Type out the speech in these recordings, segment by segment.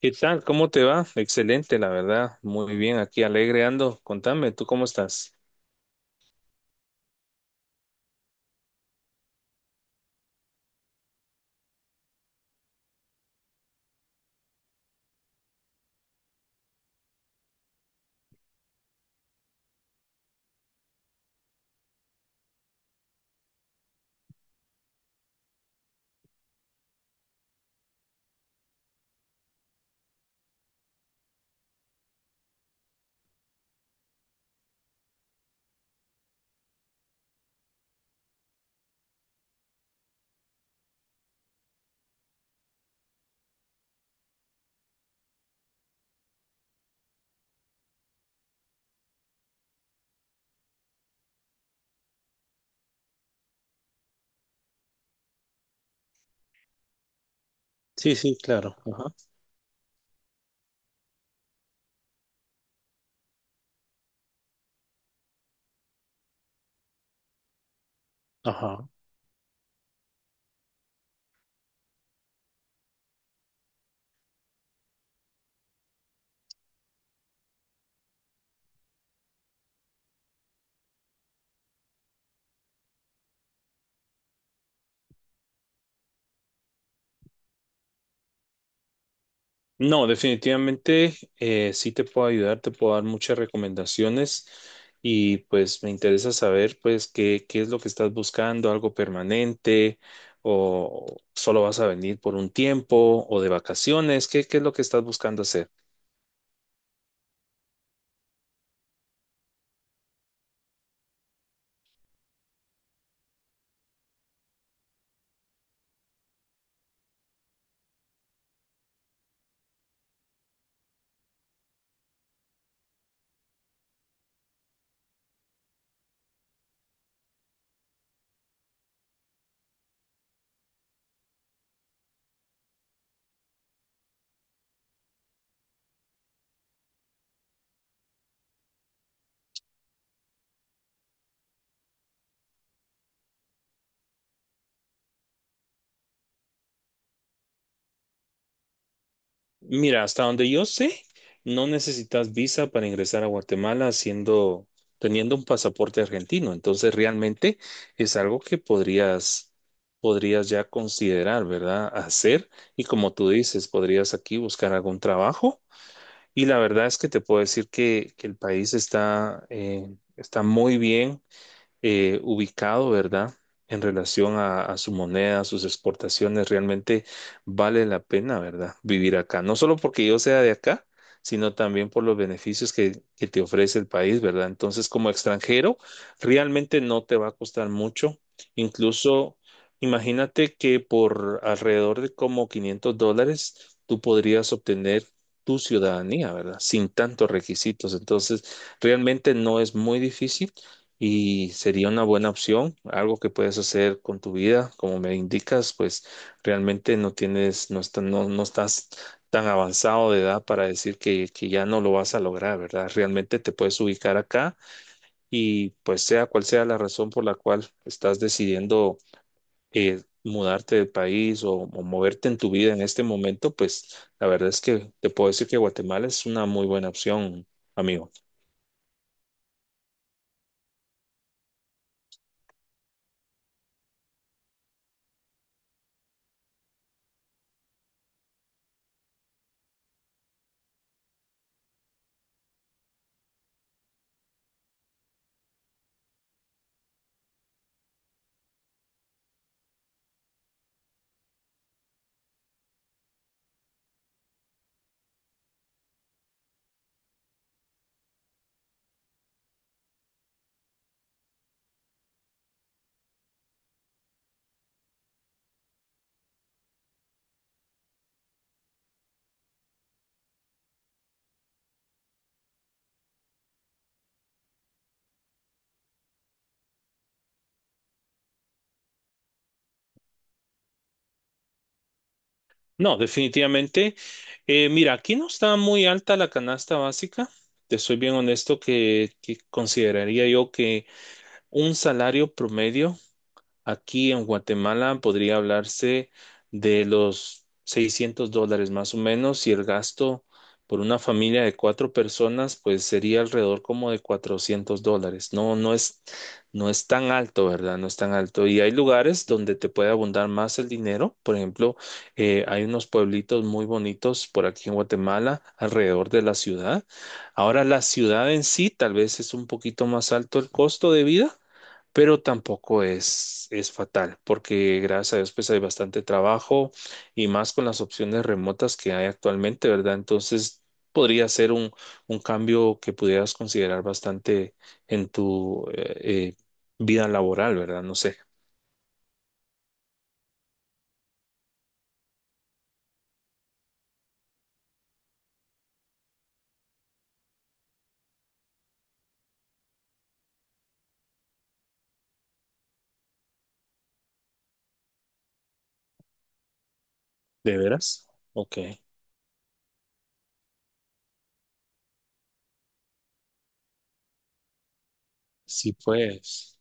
¿Qué tal? ¿Cómo te va? Excelente, la verdad. Muy bien, aquí alegre ando. Contame, ¿tú cómo estás? Sí, sí, claro. Ajá. Ajá. No, definitivamente sí te puedo ayudar, te puedo dar muchas recomendaciones y pues me interesa saber pues qué es lo que estás buscando, algo permanente o solo vas a venir por un tiempo o de vacaciones, ¿ qué es lo que estás buscando hacer? Mira, hasta donde yo sé, no necesitas visa para ingresar a Guatemala teniendo un pasaporte argentino. Entonces, realmente es algo que podrías ya considerar, ¿verdad? Hacer. Y como tú dices, podrías aquí buscar algún trabajo. Y la verdad es que te puedo decir que el país está, está muy bien ubicado, ¿verdad? En relación a su moneda, a sus exportaciones, realmente vale la pena, ¿verdad? Vivir acá. No solo porque yo sea de acá, sino también por los beneficios que te ofrece el país, ¿verdad? Entonces, como extranjero, realmente no te va a costar mucho. Incluso, imagínate que por alrededor de como $500, tú podrías obtener tu ciudadanía, ¿verdad? Sin tantos requisitos. Entonces, realmente no es muy difícil y sería una buena opción, algo que puedes hacer con tu vida, como me indicas, pues realmente no tienes, no estás tan avanzado de edad para decir que ya no lo vas a lograr, ¿verdad? Realmente te puedes ubicar acá y pues sea cual sea la razón por la cual estás decidiendo mudarte del país o moverte en tu vida en este momento, pues la verdad es que te puedo decir que Guatemala es una muy buena opción, amigo. No, definitivamente. Mira, aquí no está muy alta la canasta básica. Te soy bien honesto que consideraría yo que un salario promedio aquí en Guatemala podría hablarse de los $600 más o menos y el gasto por una familia de cuatro personas pues sería alrededor como de $400. No es tan alto, ¿verdad? No es tan alto. Y hay lugares donde te puede abundar más el dinero. Por ejemplo, hay unos pueblitos muy bonitos por aquí en Guatemala, alrededor de la ciudad. Ahora la ciudad en sí tal vez es un poquito más alto el costo de vida, pero tampoco es fatal, porque gracias a Dios pues hay bastante trabajo y más con las opciones remotas que hay actualmente, ¿verdad? Entonces podría ser un cambio que pudieras considerar bastante en tu vida laboral, ¿verdad? No sé, ¿de veras? Ok, sí pues.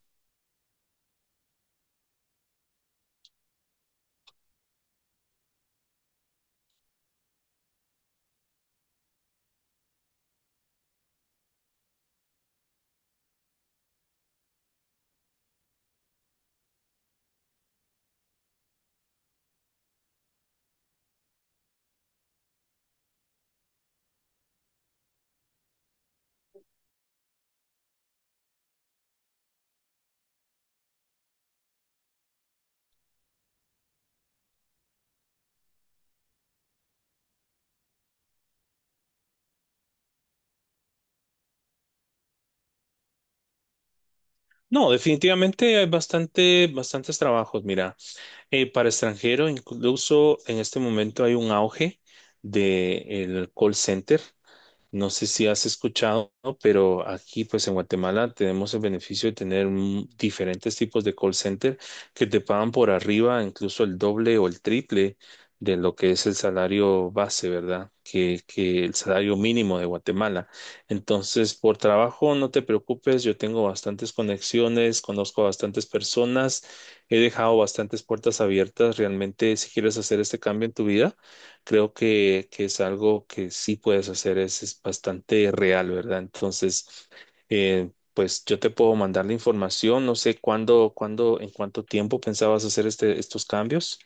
No, definitivamente hay bastantes trabajos. Mira, para extranjero, incluso en este momento hay un auge del call center. No sé si has escuchado, ¿no? Pero aquí pues en Guatemala tenemos el beneficio de tener diferentes tipos de call center que te pagan por arriba, incluso el doble o el triple de lo que es el salario base, ¿verdad? Que el salario mínimo de Guatemala. Entonces, por trabajo, no te preocupes, yo tengo bastantes conexiones, conozco a bastantes personas, he dejado bastantes puertas abiertas. Realmente, si quieres hacer este cambio en tu vida, creo que es algo que sí puedes hacer, es bastante real, ¿verdad? Entonces, pues yo te puedo mandar la información, no sé en cuánto tiempo pensabas hacer estos cambios.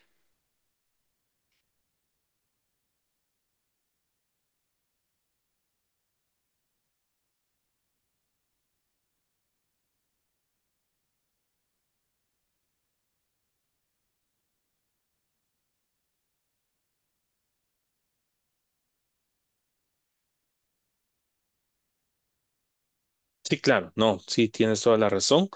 Sí, claro, no, sí, tienes toda la razón.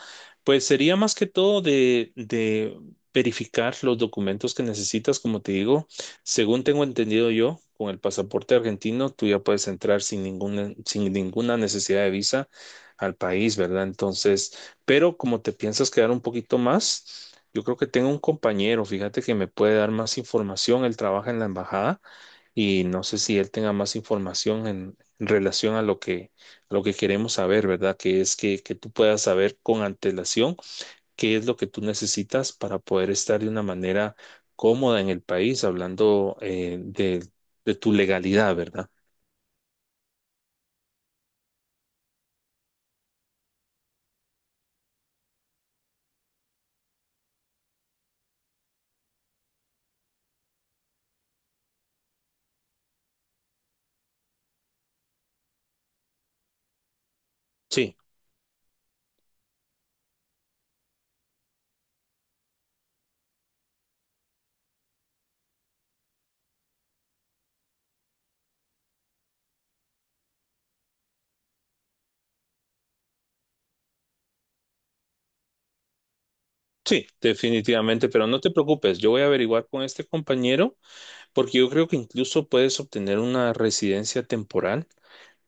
Pues sería más que todo de verificar los documentos que necesitas, como te digo. Según tengo entendido yo, con el pasaporte argentino, tú ya puedes entrar sin ninguna, sin ninguna necesidad de visa al país, ¿verdad? Entonces, pero como te piensas quedar un poquito más, yo creo que tengo un compañero, fíjate que me puede dar más información. Él trabaja en la embajada y no sé si él tenga más información en relación a lo a lo que queremos saber, ¿verdad? Que es que tú puedas saber con antelación qué es lo que tú necesitas para poder estar de una manera cómoda en el país, hablando de tu legalidad, ¿verdad? Sí. Sí, definitivamente, pero no te preocupes, yo voy a averiguar con este compañero porque yo creo que incluso puedes obtener una residencia temporal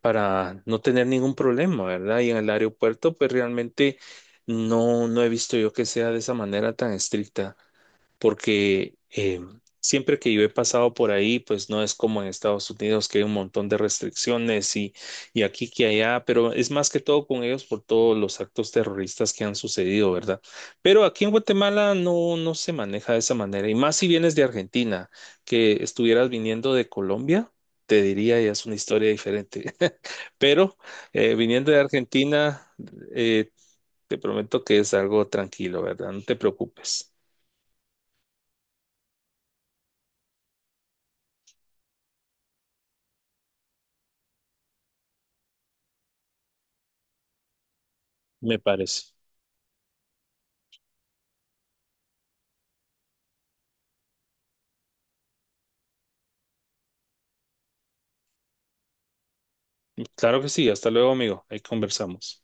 para no tener ningún problema, ¿verdad? Y en el aeropuerto, pues realmente no he visto yo que sea de esa manera tan estricta porque siempre que yo he pasado por ahí, pues no es como en Estados Unidos que hay un montón de restricciones y aquí que allá, pero es más que todo con ellos por todos los actos terroristas que han sucedido, ¿verdad? Pero aquí en Guatemala no, no se maneja de esa manera, y más si vienes de Argentina, que estuvieras viniendo de Colombia. Te diría, ya es una historia diferente. Pero viniendo de Argentina, eh, te prometo que es algo tranquilo, ¿verdad? No te preocupes, me parece. Claro que sí, hasta luego, amigo. Ahí conversamos.